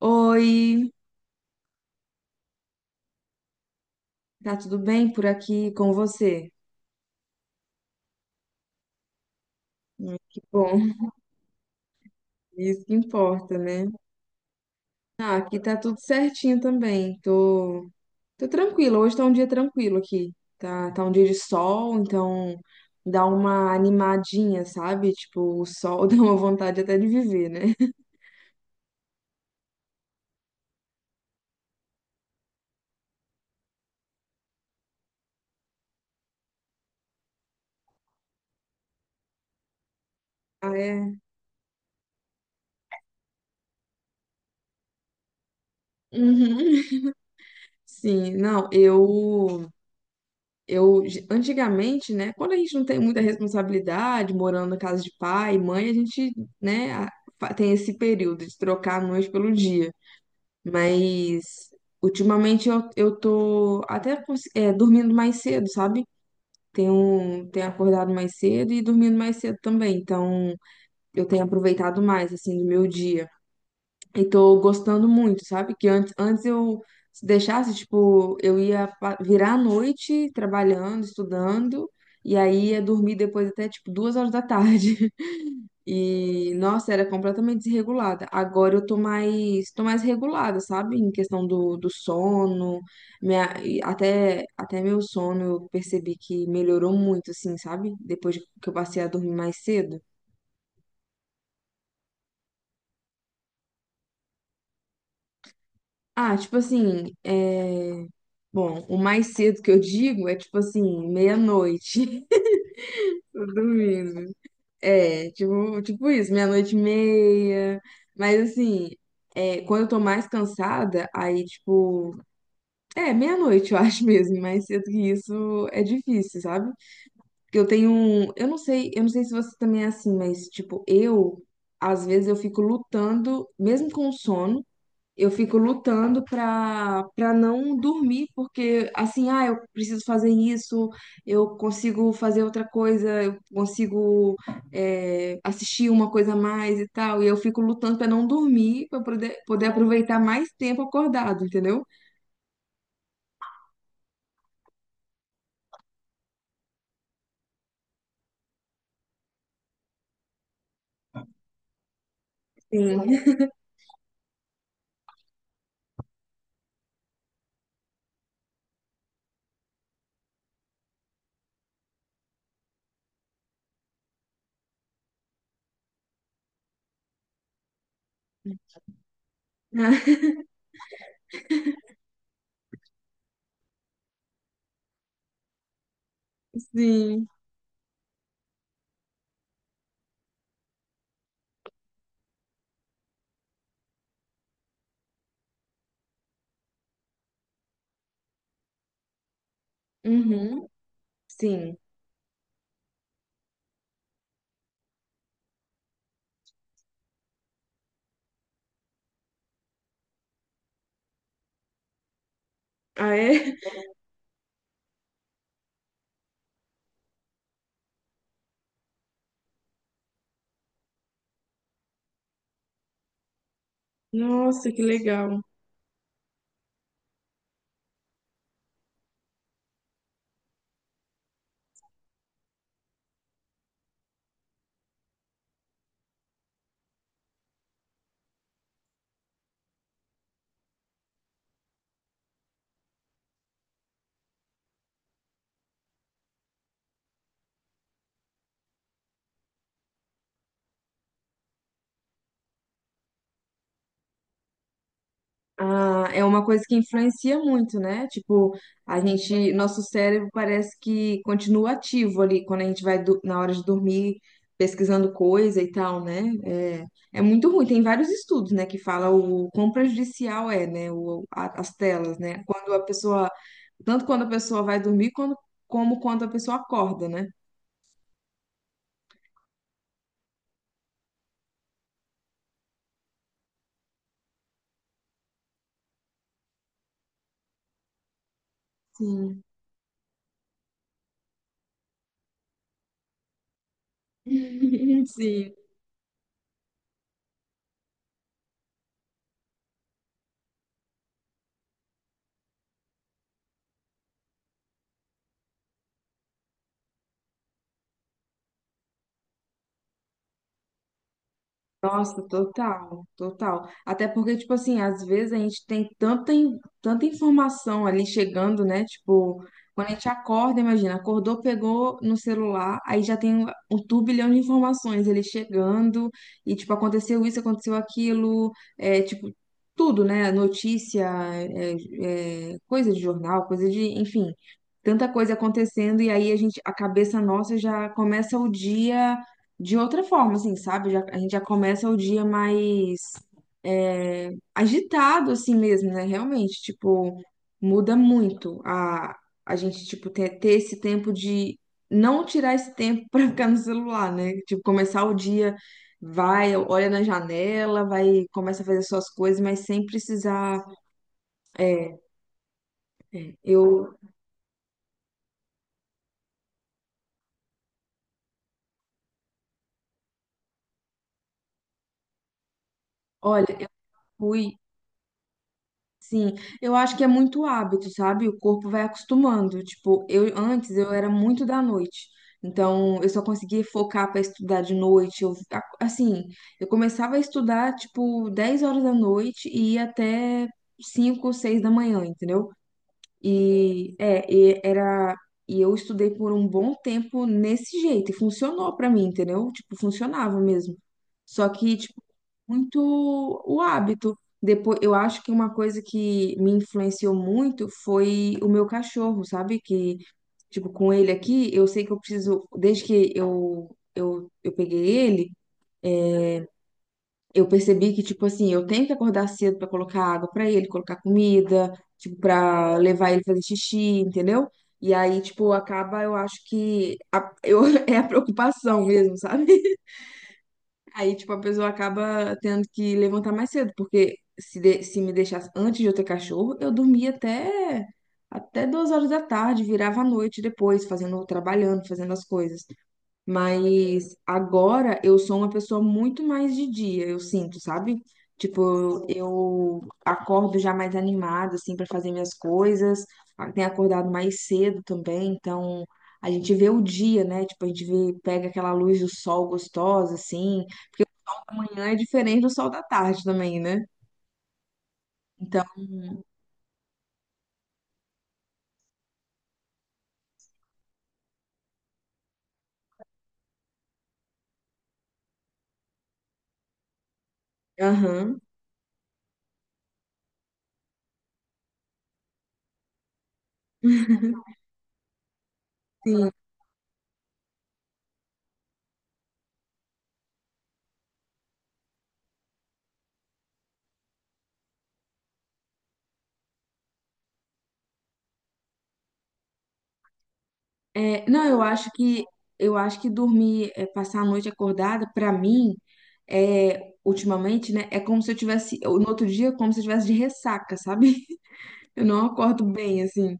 Oi, tá tudo bem por aqui com você? Ai, que bom, isso que importa, né? Ah, aqui tá tudo certinho também. Tô tranquila. Hoje tá um dia tranquilo aqui. Tá um dia de sol, então dá uma animadinha, sabe? Tipo, o sol dá uma vontade até de viver, né? Ah, é? Uhum. Sim, não, eu, antigamente, né, quando a gente não tem muita responsabilidade, morando na casa de pai e mãe, a gente, né, tem esse período de trocar a noite pelo dia. Mas, ultimamente, eu tô até dormindo mais cedo, sabe? Tenho acordado mais cedo e dormindo mais cedo também. Então, eu tenho aproveitado mais, assim, do meu dia. E tô gostando muito, sabe? Que antes eu se deixasse, tipo, eu ia virar a noite trabalhando, estudando, e aí ia dormir depois até, tipo, 2 horas da tarde. E, nossa, era completamente desregulada. Agora eu tô mais regulada, sabe? Em questão do sono, minha, e até meu sono eu percebi que melhorou muito, assim, sabe? Depois que eu passei a dormir mais cedo. Ah, tipo assim, bom, o mais cedo que eu digo é tipo assim, meia-noite, tô dormindo. É, tipo, isso, meia-noite e meia. Mas assim, quando eu tô mais cansada, aí tipo, meia-noite eu acho mesmo, mais cedo que isso é difícil, sabe? Porque eu tenho um, eu não sei se você também é assim, mas tipo, eu às vezes eu fico lutando, mesmo com sono, eu fico lutando para não dormir, porque assim, ah, eu preciso fazer isso, eu consigo fazer outra coisa, eu consigo assistir uma coisa a mais e tal, e eu fico lutando para não dormir, para poder aproveitar mais tempo acordado, entendeu? Sim. Sim. Uhum. Sim. Ah, é? Nossa, que legal. Ah, é uma coisa que influencia muito, né? Tipo, a gente, nosso cérebro parece que continua ativo ali quando a gente vai na hora de dormir pesquisando coisa e tal, né? É, é muito ruim. Tem vários estudos, né, que fala o quão prejudicial é, né, as telas, né? Quando a pessoa, tanto quando a pessoa vai dormir, quando, como quando a pessoa acorda, né? Sim. Sim. Nossa, total, total. Até porque, tipo assim, às vezes a gente tem tanta informação ali chegando, né? Tipo, quando a gente acorda, imagina, acordou, pegou no celular, aí já tem um turbilhão de informações ele chegando, e tipo, aconteceu isso, aconteceu aquilo, é tipo, tudo, né? Notícia, é, coisa de jornal, coisa de, enfim, tanta coisa acontecendo, e aí a gente, a cabeça nossa já começa o dia de outra forma, assim, sabe? A gente já começa o dia mais agitado, assim mesmo, né? Realmente, tipo, muda muito a gente, tipo, ter esse tempo de não tirar esse tempo pra ficar no celular, né? Tipo, começar o dia, vai, olha na janela, vai, começa a fazer suas coisas, mas sem precisar. É, é. Eu, olha, eu fui. Sim, eu acho que é muito hábito, sabe? O corpo vai acostumando. Tipo, eu antes eu era muito da noite. Então, eu só conseguia focar para estudar de noite. Eu, assim, eu começava a estudar tipo 10 horas da noite e ia até 5, 6 da manhã, entendeu? E era, e eu estudei por um bom tempo nesse jeito, e funcionou pra mim, entendeu? Tipo, funcionava mesmo. Só que, tipo, muito o hábito. Depois, eu acho que uma coisa que me influenciou muito foi o meu cachorro, sabe? Que, tipo, com ele aqui, eu sei que eu preciso, desde que eu peguei ele, eu percebi que, tipo assim, eu tenho que acordar cedo pra colocar água pra ele, colocar comida, tipo, pra levar ele fazer xixi, entendeu? E aí, tipo, acaba, eu acho que eu, é a preocupação mesmo, sabe? Aí, tipo, a pessoa acaba tendo que levantar mais cedo, porque se me deixasse antes de eu ter cachorro, eu dormia até 2 horas da tarde, virava a noite depois, fazendo, trabalhando, fazendo as coisas. Mas agora eu sou uma pessoa muito mais de dia, eu sinto, sabe? Tipo, eu acordo já mais animada, assim, para fazer minhas coisas. Ah, tenho acordado mais cedo também, então a gente vê o dia, né? Tipo, a gente vê, pega aquela luz do sol gostosa, assim, porque o sol da manhã é diferente do sol da tarde também, né? Então, aham, sim. É, não, eu acho que dormir, é, passar a noite acordada, pra mim, é, ultimamente, né, é como se eu tivesse, no outro dia, é como se eu tivesse de ressaca, sabe? Eu não acordo bem, assim.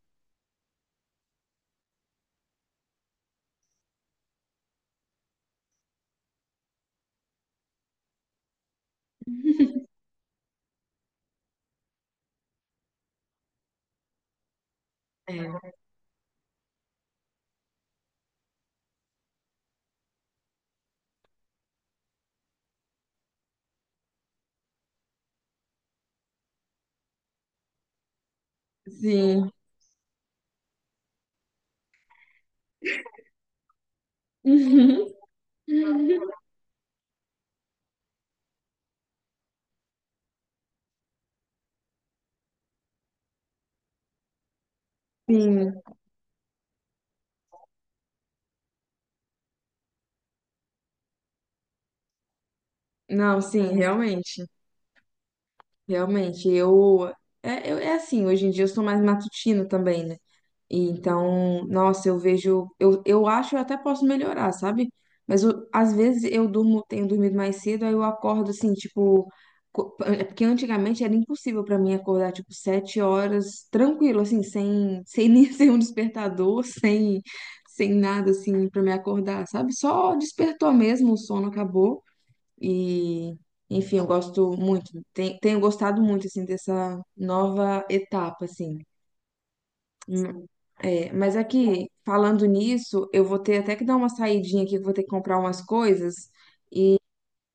É, sim. Uhum. Sim. Não, sim, realmente, realmente. Eu é assim, hoje em dia eu sou mais matutina também, né? E então, nossa, eu vejo, eu acho que eu até posso melhorar, sabe? Mas às vezes eu durmo, tenho dormido mais cedo, aí eu acordo assim, tipo, é porque antigamente era impossível pra mim acordar tipo 7 horas tranquilo, assim, sem, sem nem ser um despertador, sem, sem nada assim pra me acordar, sabe? Só despertou mesmo, o sono acabou e enfim, eu gosto muito, tenho gostado muito assim dessa nova etapa assim. É, mas aqui, falando nisso, eu vou ter até que dar uma saidinha aqui, que eu vou ter que comprar umas coisas.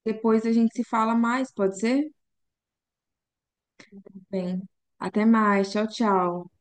Depois a gente se fala mais, pode ser? Bem, até mais. Tchau, tchau.